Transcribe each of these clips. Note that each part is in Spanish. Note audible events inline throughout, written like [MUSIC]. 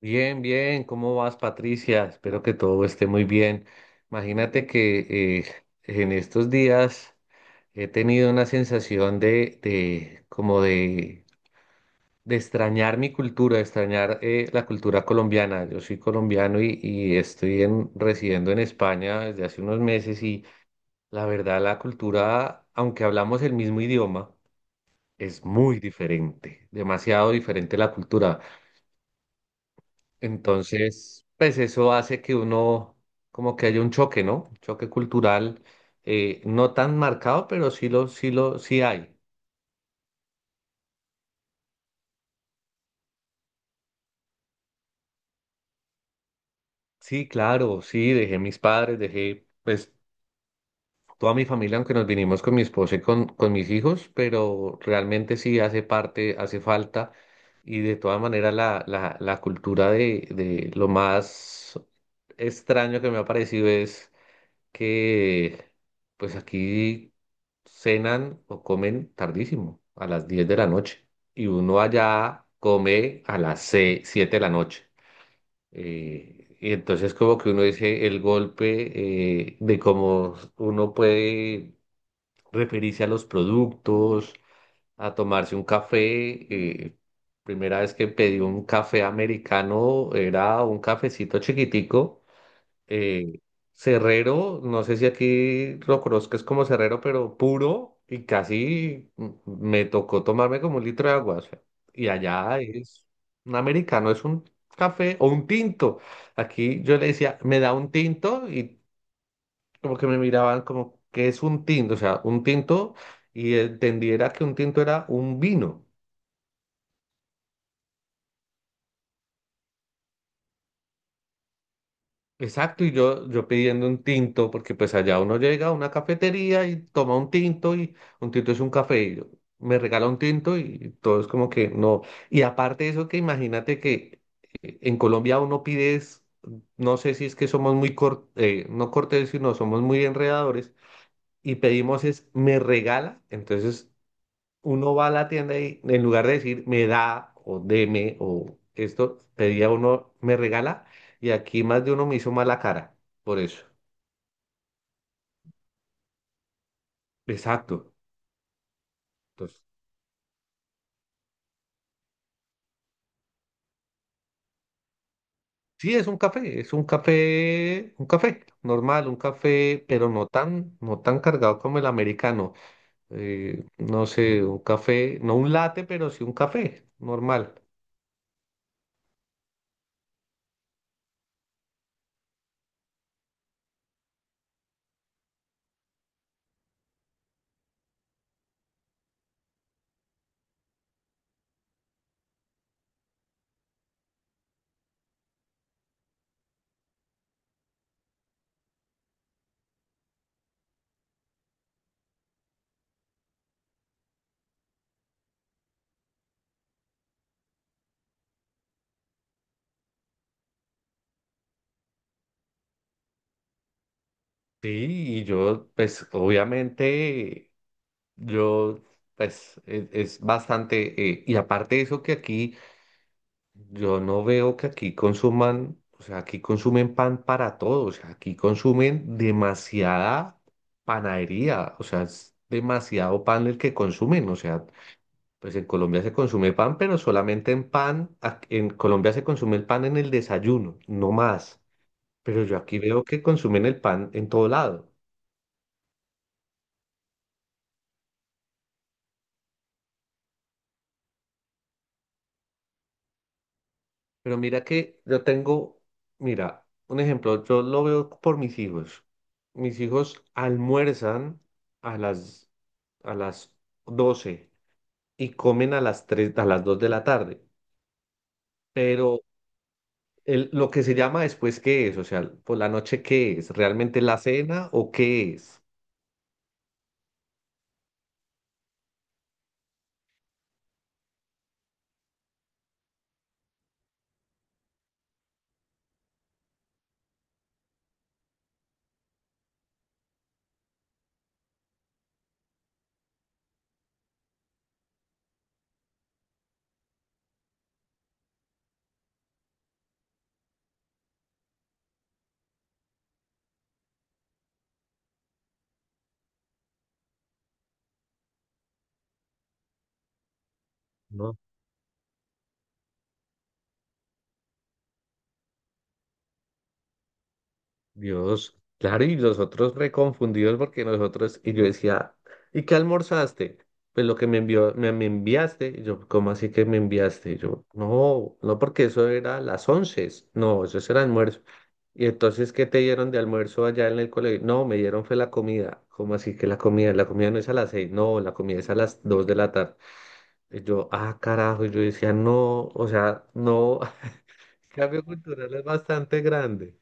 Bien, bien, ¿cómo vas, Patricia? Espero que todo esté muy bien. Imagínate que en estos días he tenido una sensación de extrañar mi cultura, de extrañar la cultura colombiana. Yo soy colombiano y estoy residiendo en España desde hace unos meses y la verdad la cultura, aunque hablamos el mismo idioma, es muy diferente, demasiado diferente la cultura. Entonces, pues eso hace que uno, como que haya un choque, ¿no? Un choque cultural, no tan marcado, pero sí hay. Sí, claro, sí, dejé mis padres, dejé, pues, toda mi familia, aunque nos vinimos con mi esposa y con mis hijos, pero realmente sí hace parte, hace falta. Y de todas maneras, la cultura de lo más extraño que me ha parecido es que pues aquí cenan o comen tardísimo, a las 10 de la noche, y uno allá come a las 6, 7 de la noche. Y entonces como que uno dice el golpe de cómo uno puede referirse a los productos, a tomarse un café. eh, Primera vez que pedí un café americano era un cafecito chiquitico, eh, Cerrero, no sé si aquí lo conozcas como Cerrero, pero puro y casi me tocó tomarme como un litro de agua. O sea, y allá es un americano, es un café o un tinto. Aquí yo le decía, me da un tinto y como que me miraban como, ¿qué es un tinto? O sea, un tinto y entendiera que un tinto era un vino. Exacto, y yo pidiendo un tinto, porque pues allá uno llega a una cafetería y toma un tinto y un tinto es un café. Y yo, me regala un tinto y todo es como que no. Y aparte de eso, que imagínate que en Colombia uno pide, no sé si es que somos no cortés, sino somos muy enredadores y pedimos es, me regala. Entonces uno va a la tienda y en lugar de decir me da o deme o esto, pedía uno me regala y aquí más de uno me hizo mala cara por eso. Exacto. Entonces, sí, es un café, un café normal, un café, pero no tan cargado como el americano. No sé, un café, no un latte, pero sí un café normal. Sí, y yo, pues obviamente yo, pues, es, bastante, y aparte de eso que aquí, yo no veo que aquí consuman, o sea, aquí consumen pan para todo, o sea, aquí consumen demasiada panadería, o sea, es demasiado pan el que consumen, o sea, pues en Colombia se consume pan, pero solamente en pan, en Colombia se consume el pan en el desayuno, no más, pero yo aquí veo que consumen el pan en todo lado. Pero mira que yo tengo, mira, un ejemplo, yo lo veo por mis hijos. Mis hijos almuerzan a las, a las 12 y comen a las 3 a las 2 de la tarde. Pero lo que se llama después, ¿qué es? O sea, por la noche, ¿qué es? ¿Realmente la cena o qué es? Dios, claro, y los otros reconfundidos porque nosotros, y yo decía, ¿y qué almorzaste? Pues lo que me envió, me enviaste, y yo, ¿cómo así que me enviaste? Y yo, no, no, porque eso era a las once, no, eso era almuerzo. Y entonces, ¿qué te dieron de almuerzo allá en el colegio? No, me dieron fue la comida. ¿Cómo así que la comida? La comida no es a las seis, no, la comida es a las dos de la tarde. Y yo, ah, carajo, y yo decía, no, o sea, no. [LAUGHS] El cambio cultural es bastante grande.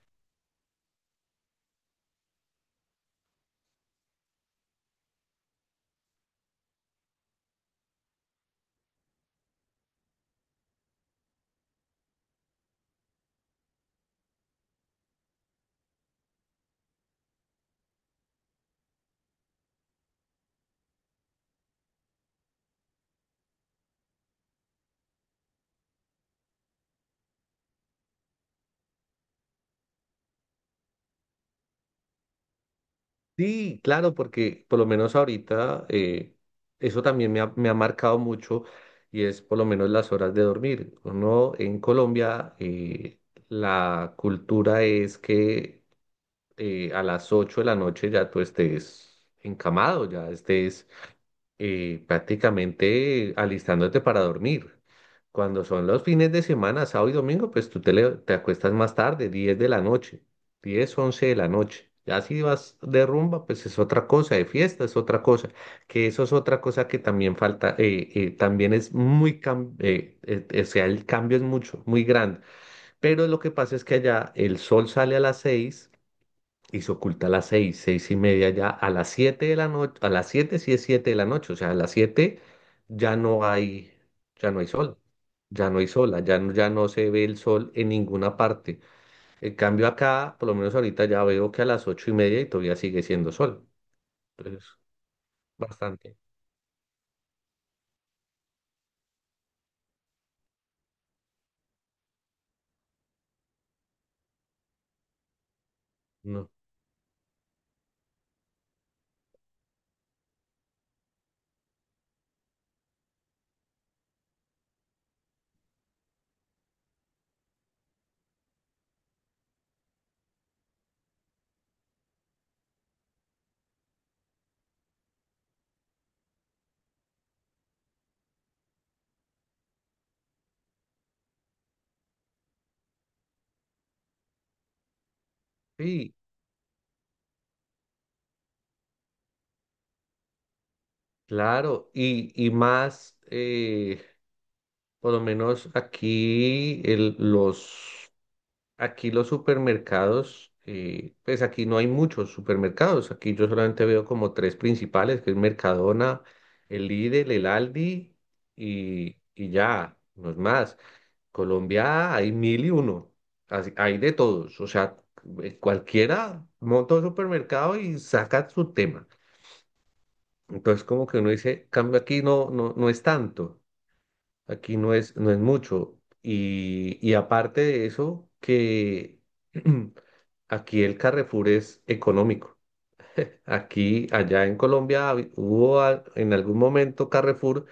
Sí, claro, porque por lo menos ahorita eso también me ha marcado mucho y es por lo menos las horas de dormir. Uno en Colombia, la cultura es que a las 8 de la noche ya tú estés encamado, ya estés prácticamente alistándote para dormir. Cuando son los fines de semana, sábado y domingo, pues tú te acuestas más tarde, 10 de la noche, 10 11 de la noche. Ya si vas de rumba, pues es otra cosa, de fiesta es otra cosa, que eso es otra cosa que también falta, también es o sea, el cambio es mucho, muy grande. Pero lo que pasa es que allá el sol sale a las 6 y se oculta a las seis, seis y media ya, a las siete de la noche, a las siete sí es siete de la noche, o sea, a las siete ya no hay, ya no hay sol, ya no, ya no se ve el sol en ninguna parte. En cambio acá, por lo menos ahorita ya veo que a las ocho y media y todavía sigue siendo sol, entonces bastante, ¿no? Sí, claro, y más, por lo menos aquí los... Aquí los supermercados, pues aquí no hay muchos supermercados. Aquí yo solamente veo como tres principales, que es Mercadona, el Lidl, el Aldi y ya, no es más. Colombia hay mil y uno, hay de todos. O sea, cualquiera monta un supermercado y saca su tema. Entonces como que uno dice, cambio aquí no, no es tanto. Aquí no es, no es mucho. Y aparte de eso, que [CLEARS THROAT] aquí el Carrefour es económico. Aquí, allá en Colombia, hubo en algún momento Carrefour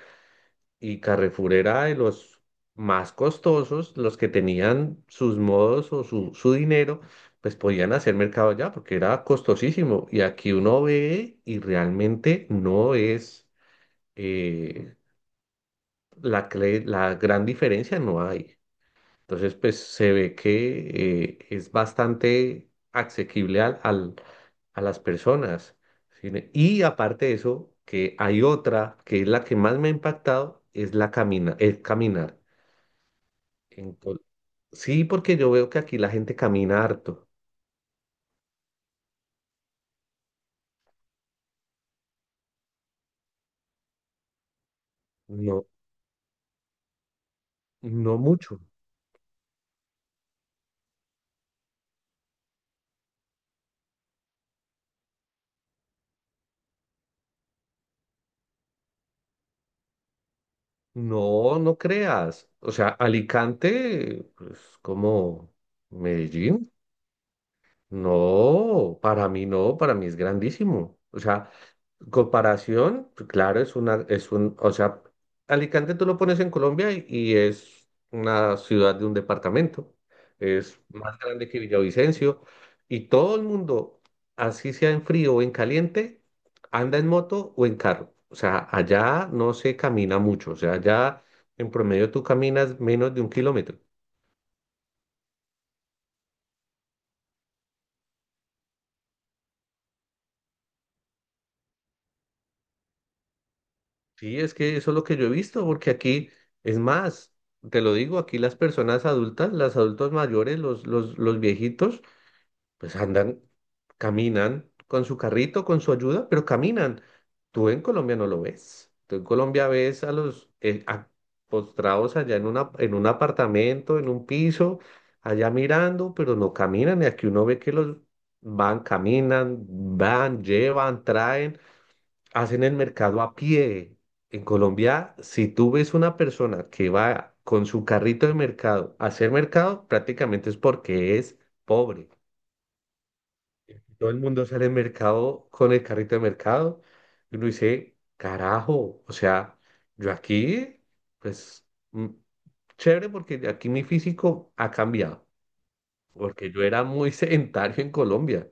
y Carrefour era de los más costosos, los que tenían sus modos su dinero, pues podían hacer mercado allá porque era costosísimo. Y aquí uno ve y realmente no es eh, la gran diferencia, no hay. Entonces, pues se ve que es bastante asequible a las personas. ¿Sí? Y aparte de eso, que hay otra que es la que más me ha impactado, es la camina, el caminar. Ento- sí, porque yo veo que aquí la gente camina harto. No, no mucho. No, no creas. O sea, Alicante, pues como Medellín. No, para mí no, para mí es grandísimo. O sea, comparación, pues, claro, es una, es un, o sea, Alicante tú lo pones en Colombia y es una ciudad de un departamento, es más grande que Villavicencio y todo el mundo, así sea en frío o en caliente, anda en moto o en carro. O sea, allá no se camina mucho, o sea, allá en promedio tú caminas menos de un kilómetro. Sí, es que eso es lo que yo he visto, porque aquí es más, te lo digo, aquí las personas adultas, los adultos mayores, los viejitos, pues andan, caminan con su carrito, con su ayuda, pero caminan. Tú en Colombia no lo ves. Tú en Colombia ves a los postrados allá en un apartamento, en un piso, allá mirando, pero no caminan. Y aquí uno ve que los van, caminan, van, llevan, traen, hacen el mercado a pie. En Colombia, si tú ves una persona que va con su carrito de mercado a hacer mercado, prácticamente es porque es pobre. Todo el mundo sale al mercado con el carrito de mercado. Y uno dice, carajo, o sea, yo aquí, pues, mm, chévere porque aquí mi físico ha cambiado. Porque yo era muy [LAUGHS] sedentario en Colombia.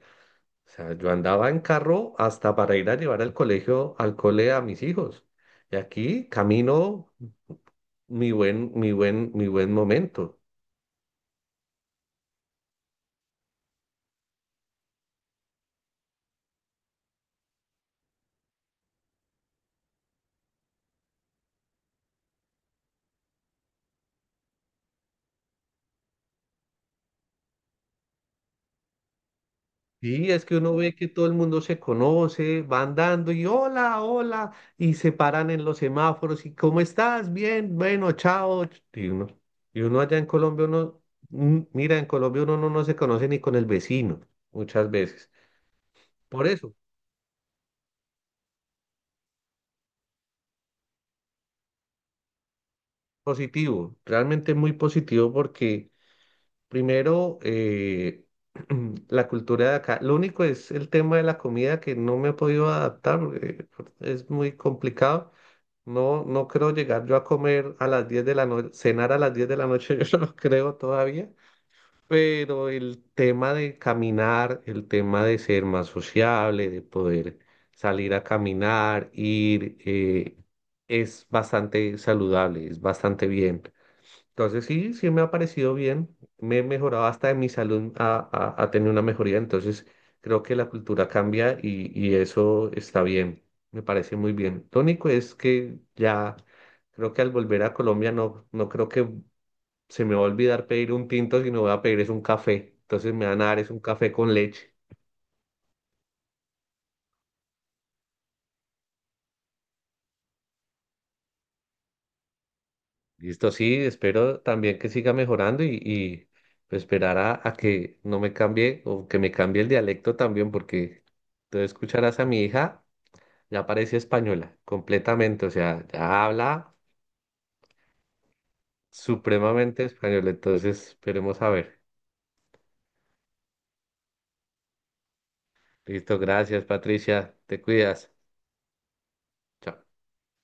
O sea, yo andaba en carro hasta para ir a llevar al colegio, al cole a mis hijos. Y aquí camino mi buen momento. Sí, es que uno ve que todo el mundo se conoce, van dando y hola, hola, y se paran en los semáforos y ¿cómo estás? Bien, bueno, chao. Y uno allá en Colombia, uno, mira, en Colombia uno no, no se conoce ni con el vecino muchas veces. Por eso, positivo, realmente muy positivo porque primero [CLEARS THROAT] la cultura de acá, lo único es el tema de la comida que no me he podido adaptar porque es muy complicado. No, no creo llegar yo a comer a las 10 de la noche, cenar a las 10 de la noche, [LAUGHS] yo no lo creo todavía, pero el tema de caminar, el tema de ser más sociable, de poder salir a caminar, ir, es bastante saludable, es bastante bien. Entonces sí, sí me ha parecido bien, me he mejorado hasta en mi salud, ha tenido una mejoría, entonces creo que la cultura cambia y eso está bien, me parece muy bien. Lo único es que ya creo que al volver a Colombia no, no creo que se me va a olvidar pedir un tinto, sino voy a pedir es un café, entonces me van a dar es un café con leche. Listo, sí, espero también que siga mejorando y, pues, esperar a que no me cambie o que me cambie el dialecto también, porque tú escucharás a mi hija, ya parece española, completamente, o sea, ya habla supremamente español, entonces esperemos a ver. Listo, gracias Patricia, te cuidas. Chao.